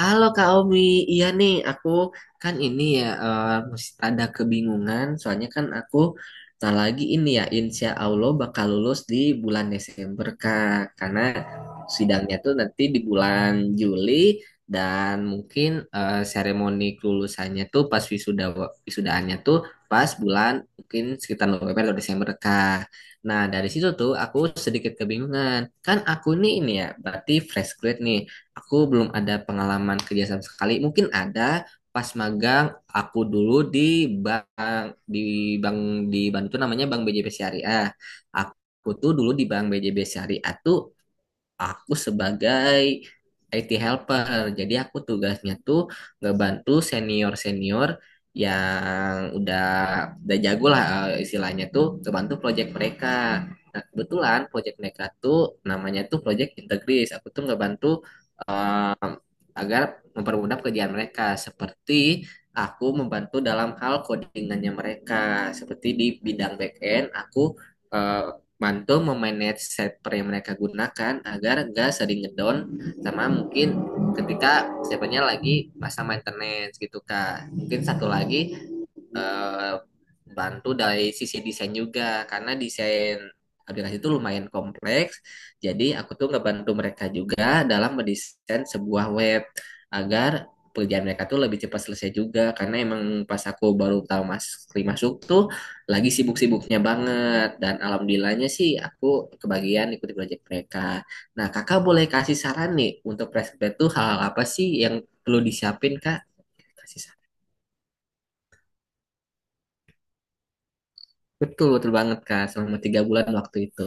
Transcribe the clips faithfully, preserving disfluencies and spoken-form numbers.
Halo Kak Omi, iya nih aku kan ini ya eh, mesti ada kebingungan soalnya kan aku tak lagi ini ya insya Allah bakal lulus di bulan Desember Kak, karena sidangnya tuh nanti di bulan Juli, dan mungkin eh, seremoni kelulusannya tuh pas wisuda wisudaannya tuh pas bulan mungkin sekitar November atau Desember Kak. Nah dari situ tuh aku sedikit kebingungan, kan aku nih ini ya berarti fresh grade nih. Aku belum ada pengalaman kerja sama sekali. Mungkin ada pas magang aku dulu di bank di bank di Bantu namanya Bank B J B Syariah. Aku tuh dulu di Bank B J B Syariah tuh aku sebagai I T helper. Jadi aku tugasnya tuh ngebantu senior-senior yang udah udah jago lah, eh, istilahnya tuh ngebantu project mereka. Nah, kebetulan project mereka tuh namanya tuh project Integris. Aku tuh ngebantu agar mempermudah pekerjaan mereka, seperti aku membantu dalam hal codingannya mereka, seperti di bidang backend aku eh, bantu memanage server yang mereka gunakan agar nggak sering ngedown, sama mungkin ketika servernya lagi masa maintenance gitu Kak, mungkin satu lagi eh, bantu dari sisi desain juga, karena desain aplikasi itu lumayan kompleks. Jadi aku tuh ngebantu mereka juga dalam mendesain sebuah web agar pekerjaan mereka tuh lebih cepat selesai juga, karena emang pas aku baru tahu mas kali masuk tuh lagi sibuk-sibuknya banget dan alhamdulillahnya sih aku kebagian ikuti proyek mereka. Nah, Kakak boleh kasih saran nih untuk fresh grad tuh hal, hal apa sih yang perlu disiapin, Kak? Kasih saran. Betul, betul banget Kak. Selama tiga bulan waktu itu.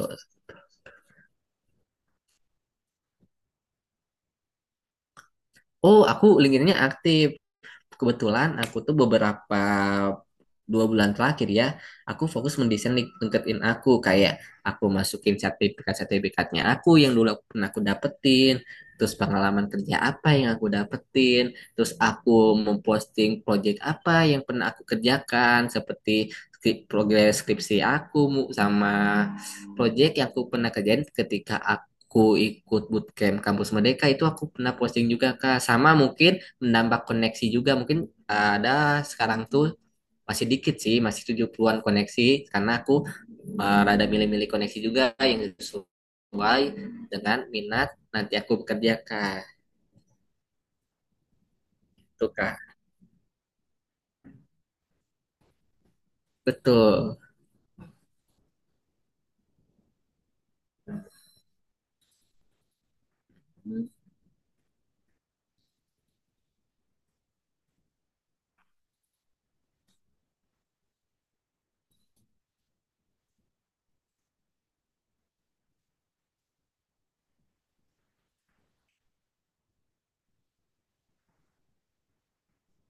Oh, aku LinkedIn-nya aktif. Kebetulan aku tuh beberapa dua bulan terakhir ya, aku fokus mendesain LinkedIn aku, kayak aku masukin sertifikat-sertifikatnya aku yang dulu aku pernah aku dapetin, terus pengalaman kerja apa yang aku dapetin, terus aku memposting project apa yang pernah aku kerjakan, seperti skri- progres skripsi aku mu- sama project yang aku pernah kerjain ketika aku ikut bootcamp kampus Merdeka, itu aku pernah posting juga Kak. Sama mungkin menambah koneksi juga, mungkin uh, ada sekarang tuh masih dikit sih, masih tujuh puluhan-an koneksi, karena aku uh, rada milih-milih koneksi juga yang sesuai dengan minat nanti aku bekerja Kak. Tuh Kak. Betul.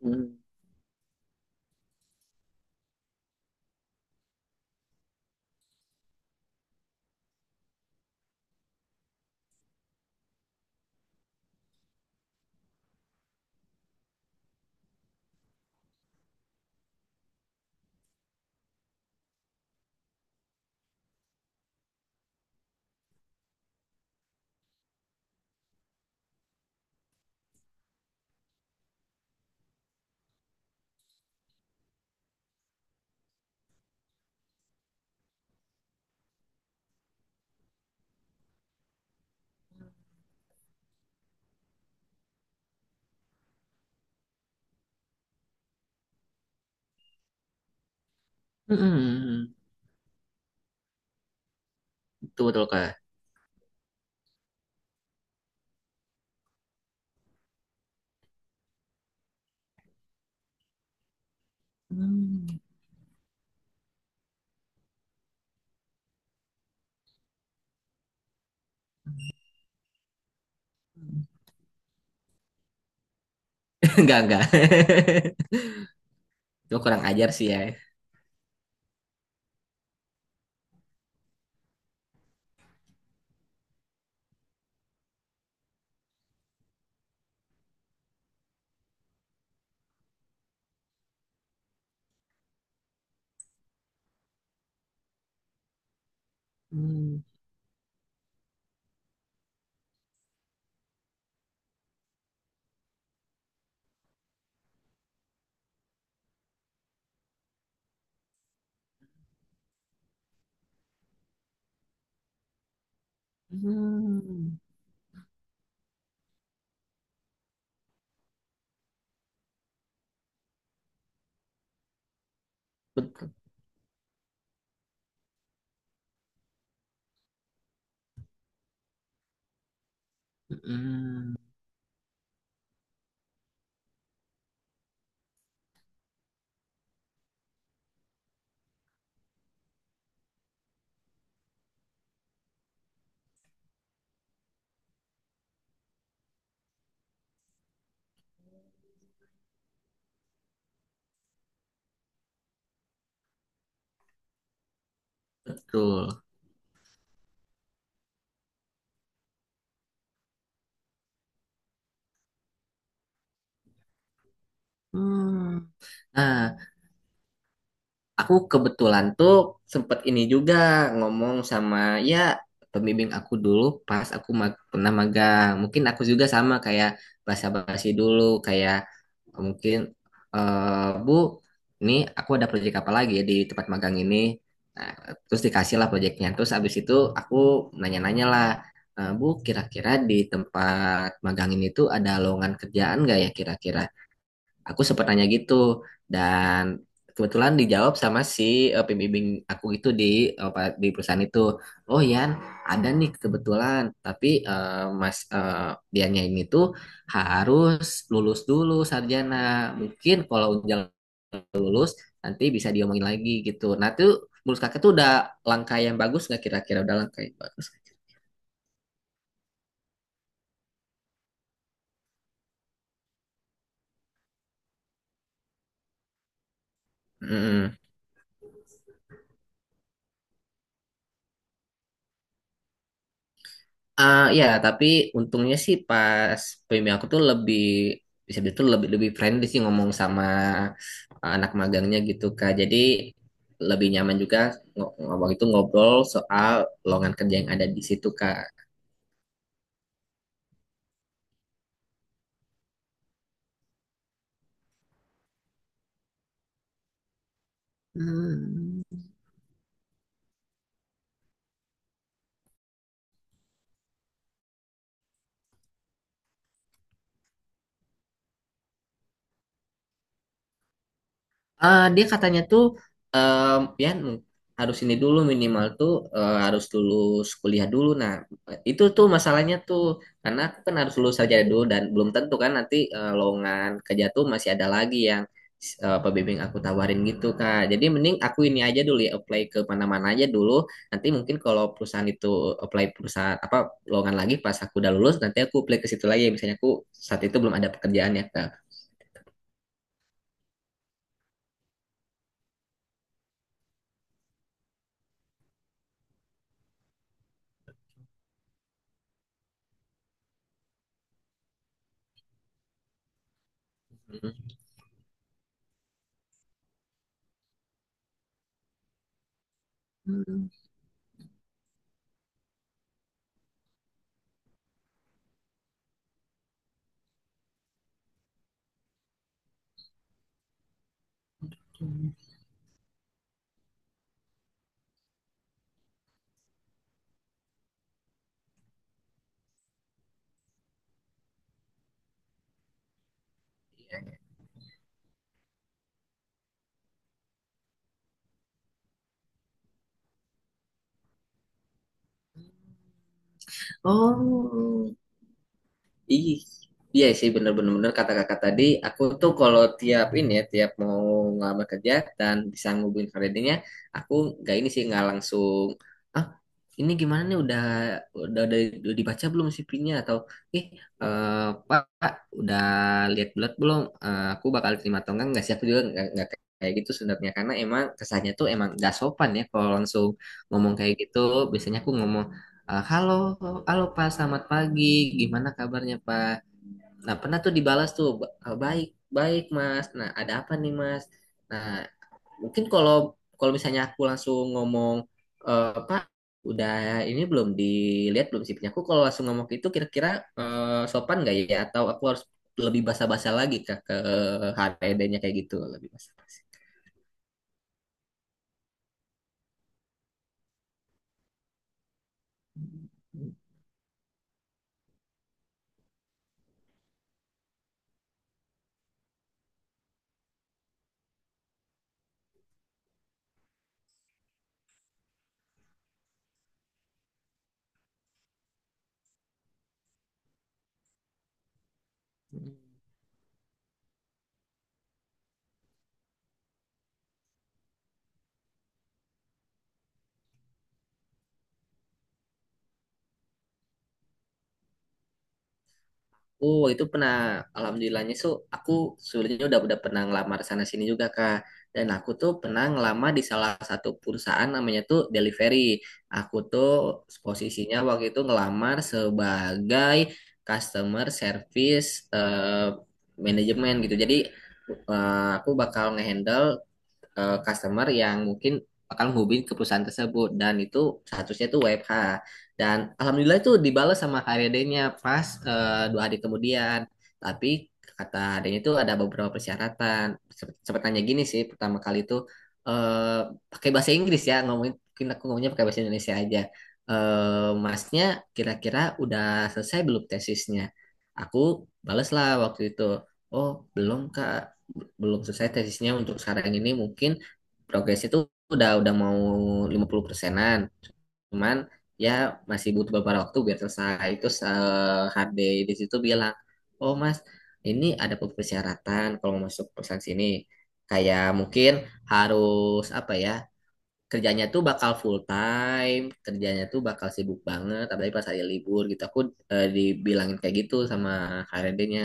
Mm-mm. Betul, betul Kak. Mm. Enggak, enggak. Cuma kurang ajar sih ya. Mm. Mm. Betul. Mm. betul Mm. Nah. Aku kebetulan tuh sempet ini juga ngomong sama ya pembimbing aku dulu pas aku mag pernah magang. Mungkin aku juga sama, kayak basa-basi dulu kayak mungkin, "Eh Bu, ini aku ada proyek apa lagi ya di tempat magang ini." Nah, terus dikasih lah proyeknya. Terus abis itu aku nanya-nanya lah, "Eh, Bu, kira-kira di tempat magang ini tuh ada lowongan kerjaan nggak ya kira-kira?" Aku sempat nanya gitu, dan kebetulan dijawab sama si eh, pembimbing aku itu di eh, pa- di perusahaan itu. "Oh Yan, ada nih kebetulan, tapi eh, Mas eh, dianya ini tuh harus lulus dulu sarjana. Mungkin kalau udah lulus nanti bisa diomongin lagi," gitu. Nah, tuh menurut Kakak tuh udah langkah yang bagus nggak, kira-kira udah langkah yang bagus? Hmm. Ah, ya, tapi untungnya sih pas P M I aku tuh lebih bisa itu lebih lebih friendly sih ngomong sama uh, anak magangnya gitu Kak. Jadi lebih nyaman juga ngo- ngo- waktu itu ngobrol soal lowongan kerja yang ada di situ Kak. Eh, dia katanya tuh eh ya m- harus ini dulu, minimal tuh eh, harus lulus kuliah dulu. Nah, itu tuh masalahnya tuh, karena aku kan harus lulus saja dulu dan belum tentu kan nanti eh, lowongan kerja tuh masih ada lagi yang eh, pembimbing aku tawarin gitu, Kak. Jadi mending aku ini aja dulu ya apply ke mana-mana aja dulu. Nanti mungkin kalau perusahaan itu apply perusahaan apa lowongan lagi, pas aku udah lulus nanti aku apply ke situ lagi, misalnya aku saat itu belum ada pekerjaan ya, Kak. Mm. Hmm. Oh. Ih, iya sih bener-bener kata Kakak tadi, aku tuh kalau tiap ini ya, tiap mau ngelamar kerja dan bisa ngubungin creditnya, aku nggak ini sih, nggak langsung, "Ah, ini gimana nih, udah udah udah, udah dibaca belum C V-nya?" atau, "Ih, eh, Pak, Pak, udah lihat bulat belum? Eh, aku bakal terima atau enggak?" Nggak sih, aku juga nggak nggak kayak gitu sebenarnya, karena emang kesannya tuh emang nggak sopan ya kalau langsung ngomong kayak gitu. Biasanya aku ngomong, "Ah, halo, halo Pak, selamat pagi. Gimana kabarnya Pak?" Nah, pernah tuh dibalas tuh, ba- "Ah, baik, baik Mas. Nah, ada apa nih Mas?" Nah, mungkin kalau kalau misalnya aku langsung ngomong, eh, Pak, udah ini belum, dilihat belum sih punya aku?" Kalau langsung ngomong itu kira-kira eh, sopan nggak ya? Atau aku harus lebih basa-basa lagi Kak, ke H R D-nya kayak gitu lebih basa. Oh, itu pernah, alhamdulillahnya so aku sulitnya udah udah pernah ngelamar sana sini juga Kak. Dan aku tuh pernah ngelamar di salah satu perusahaan namanya tuh delivery. Aku tuh posisinya waktu itu ngelamar sebagai customer service eh, manajemen gitu. Jadi eh, aku bakal ngehandle eh, customer yang mungkin akan menghubungi ke perusahaan tersebut, dan itu statusnya tuh W F H, dan alhamdulillah itu dibalas sama H R D-nya pas eh, dua hari kemudian. Tapi kata adanya itu ada beberapa persyaratan. Sempet sempet tanya gini sih pertama kali itu eh, pakai bahasa Inggris ya ngomongin, mungkin aku ngomongnya pakai bahasa Indonesia aja. Eh, masnya kira-kira udah selesai belum tesisnya?" Aku balas lah waktu itu, "Oh, belum Kak, belum selesai tesisnya, untuk sekarang ini mungkin progres itu udah udah mau lima puluh persenan, cuman ya masih butuh beberapa waktu biar selesai." Itu H D di situ bilang, "Oh mas, ini ada beberapa persyaratan kalau mau masuk perusahaan sini, kayak mungkin harus apa ya, kerjanya tuh bakal full time, kerjanya tuh bakal sibuk banget, apalagi pas hari libur gitu." Aku eh, dibilangin kayak gitu sama H R D-nya.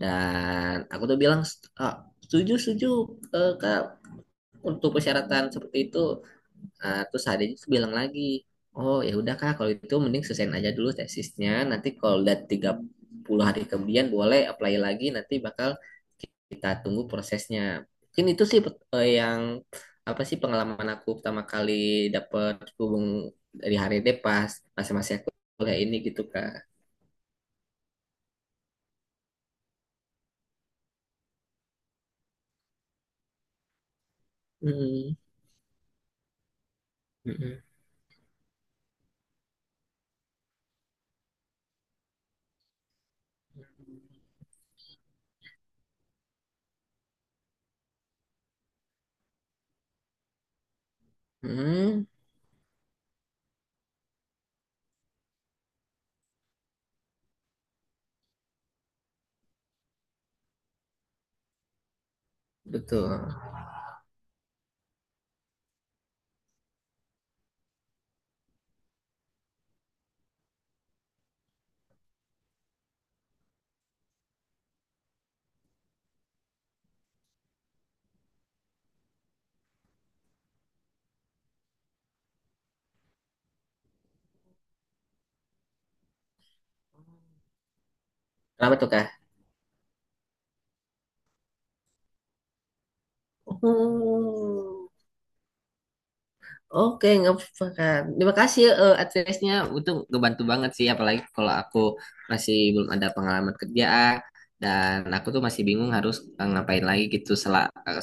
Dan aku tuh bilang, "Ah, setuju, setuju, eh, Kak, untuk persyaratan seperti itu." Eh, terus adanya itu bilang lagi, "Oh ya udah Kak, kalau itu mending selesaiin aja dulu tesisnya. Nanti kalau udah tiga puluh hari kemudian boleh apply lagi. Nanti bakal kita tunggu prosesnya." Mungkin itu sih eh, yang apa sih, pengalaman aku pertama kali dapet hubung dari hari ini pas masa-masa aku kuliah ini gitu Kak. Hmm. Mm. Hmm. Betul. Kenapa tuh Kak? Oh. Oke, nggak apa-apa. Terima kasih eh, advice-nya. Itu ngebantu banget sih, apalagi kalau aku masih belum ada pengalaman kerjaan dan aku tuh masih bingung harus eh, ngapain lagi gitu setelah eh,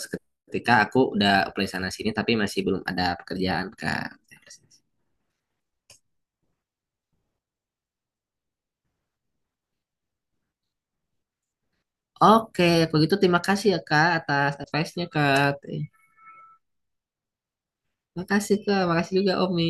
ketika aku udah apply sana sini tapi masih belum ada pekerjaan Kak. Oke, begitu, terima kasih ya Kak atas advice-nya Kak. Terima kasih Kak, makasih juga Omi.